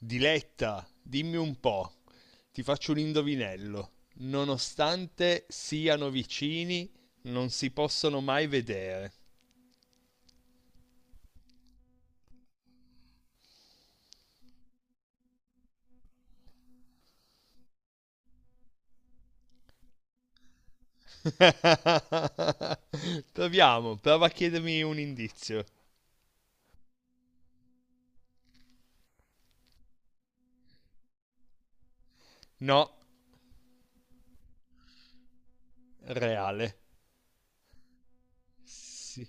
Diletta, dimmi un po', ti faccio un indovinello. Nonostante siano vicini, non si possono mai vedere. Proviamo, prova a chiedermi un indizio. No, reale. Sì.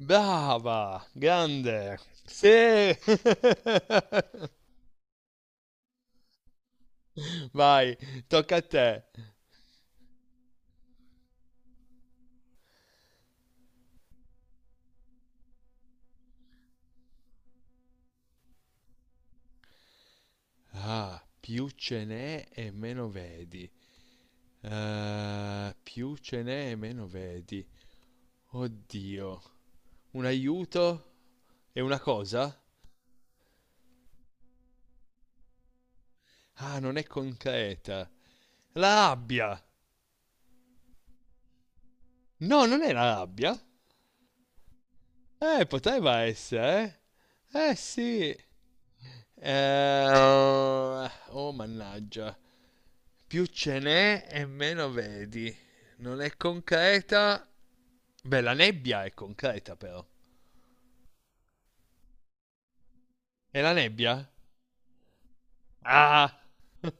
Brava, grande. Sì. Vai, tocca a te. Ah, più ce n'è e meno vedi. Più ce n'è e meno vedi. Oddio. Un aiuto? È una cosa? Ah, non è concreta. La rabbia! No, non è la rabbia. Poteva essere, eh? Eh sì. Oh, mannaggia. Più ce n'è e meno vedi. Non è concreta. Beh, la nebbia è concreta però. È la nebbia? Ah!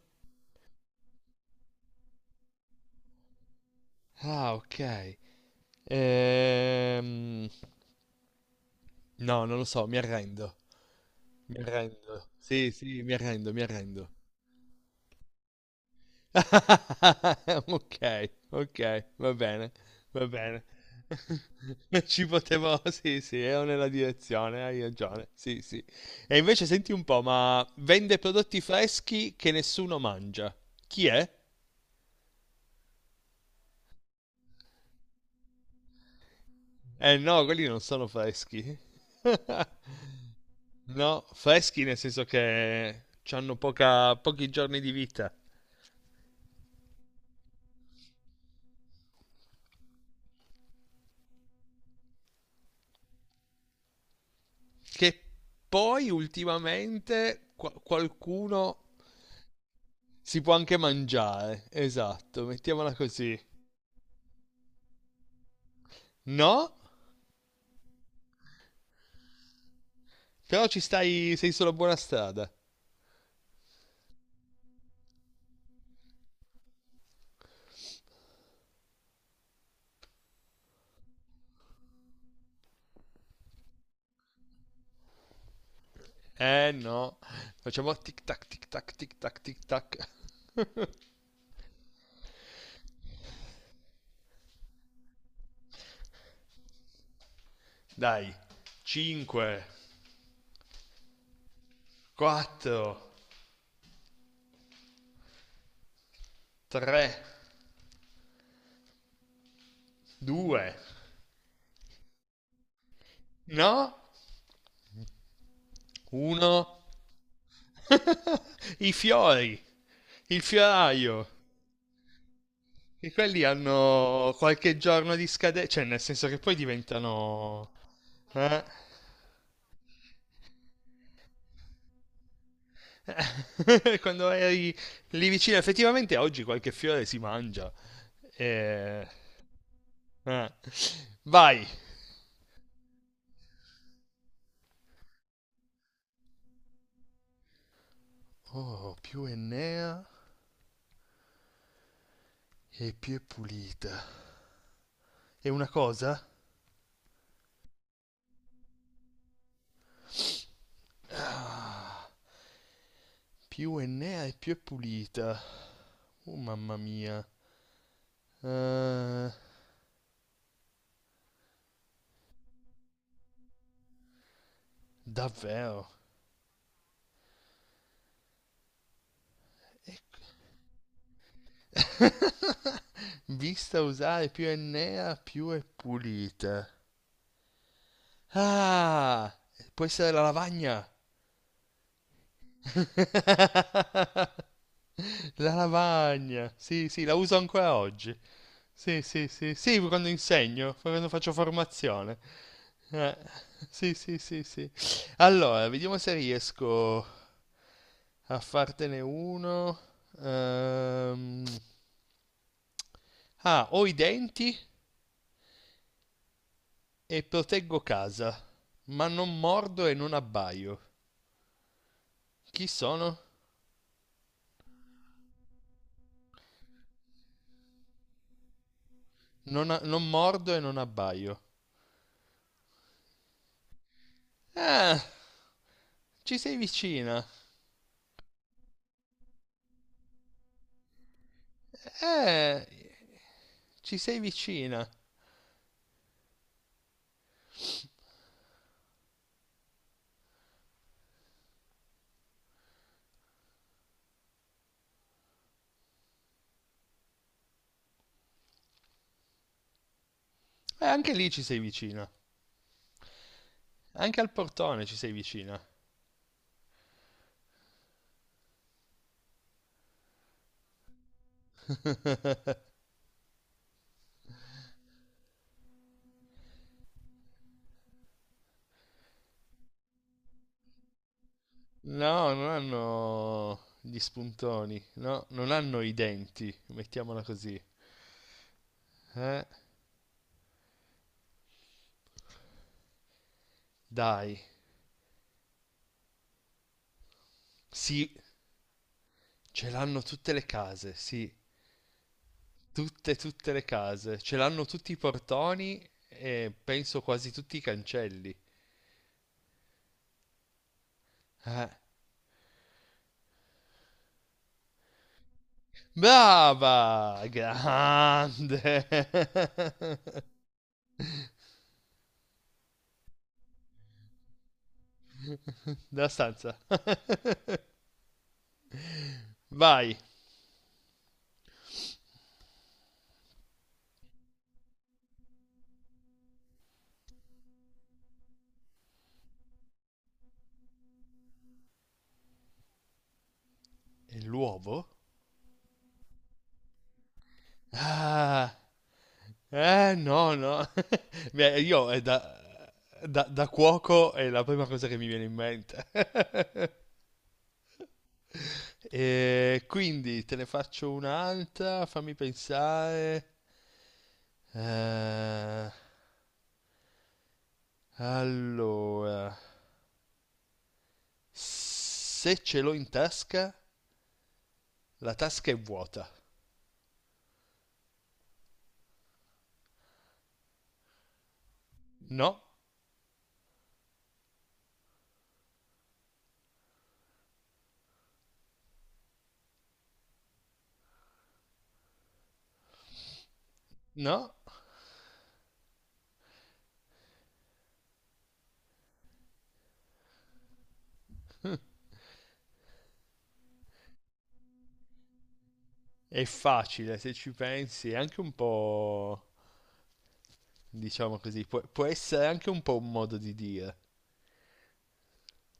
Ah, ok. Ehm, No, non lo so, mi arrendo. Mi arrendo. Sì, sì, mi arrendo, mi arrendo. Ok, ok, va bene, va bene. Non ci potevo, sì, sì, ero nella direzione, hai ragione, sì, sì. E invece senti un po', ma vende prodotti freschi che nessuno mangia. Chi è? Eh no, quelli non sono freschi. No, freschi nel senso che hanno poca, pochi giorni di vita. Che poi ultimamente qualcuno si può anche mangiare. Esatto, mettiamola così. No? Però ci stai, sei sulla buona strada. Eh no, facciamo tic tac tic tac tic tac tic tac. Dai, 5, 4, 3, 2. No? Uno. I fiori, il fioraio. E quelli hanno qualche giorno di scadenza, cioè nel senso che poi diventano... eh? Quando eri lì vicino, effettivamente oggi qualche fiore si mangia. Eh, eh. Vai. Oh, più Enea e più è pulita. È una cosa? Più Enea e più è pulita. Oh, mamma mia. Eh, Davvero? Vista usare più è nera, più è pulita. Ah, può essere la lavagna. La lavagna. Sì, sì, la uso ancora oggi. Sì, sì, sì. Sì, quando insegno, quando faccio formazione. Eh, sì, sì, sì, sì. Allora, vediamo se riesco a fartene uno. Ehm, Ah, ho i denti e proteggo casa, ma non mordo e non abbaio. Chi sono? Non mordo e non abbaio. Ah, ci sei vicina. Eh, ci sei vicina. Anche lì ci sei vicina. Anche al portone ci sei vicina. No, non hanno gli spuntoni, no, non hanno i denti, mettiamola così. Eh, dai, sì, ce l'hanno tutte le case, sì. Tutte, tutte le case, ce l'hanno tutti i portoni e penso quasi tutti i cancelli. Eh. Brava! Grande! Della stanza. Vai. E l'uovo? Ah, no, no. Beh, io è da cuoco è la prima cosa che mi viene in mente. E quindi te ne faccio un'altra, fammi pensare. Eh, allora. Se ce l'ho in tasca, la tasca è vuota. No, no, è facile se ci pensi, è anche un po', diciamo così, può essere anche un po' un modo di dire.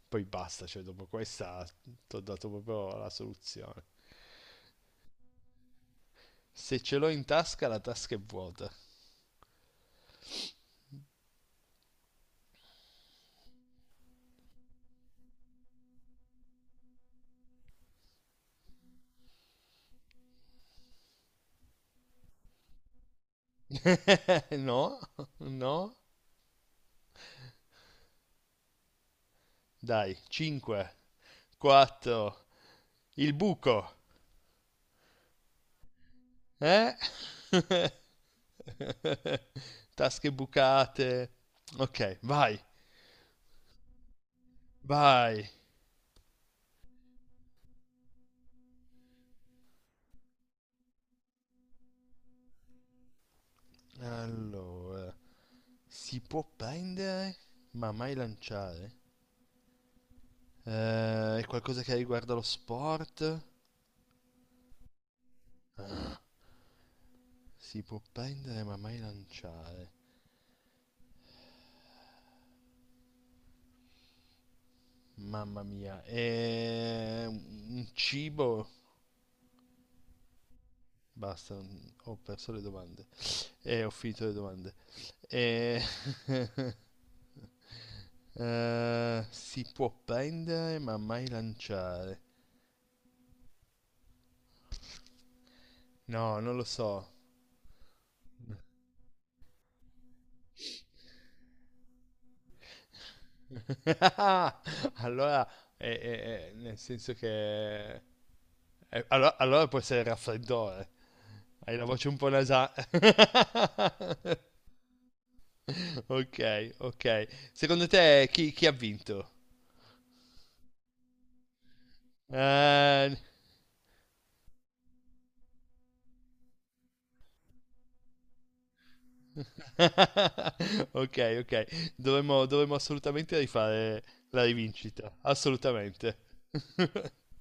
Poi basta, cioè dopo questa ti ho dato proprio la soluzione. Se ce l'ho in tasca, la tasca è vuota. No, no, dai, 5, 4, il buco, eh? Tasche bucate. Ok, vai. Allora, si può prendere, ma mai lanciare? È qualcosa che riguarda lo sport? Ah, si può prendere, ma mai lanciare. Mamma mia, è un cibo? Basta, ho perso le domande. Ho finito le domande. Eh, si può prendere, ma mai lanciare. No, non lo so. Allora, nel senso che... allora può essere il raffreddore. Hai la voce un po' nasale. Ok, ok. Secondo te chi ha vinto? Eh, ok, ok. Dovremmo assolutamente rifare la rivincita. Assolutamente.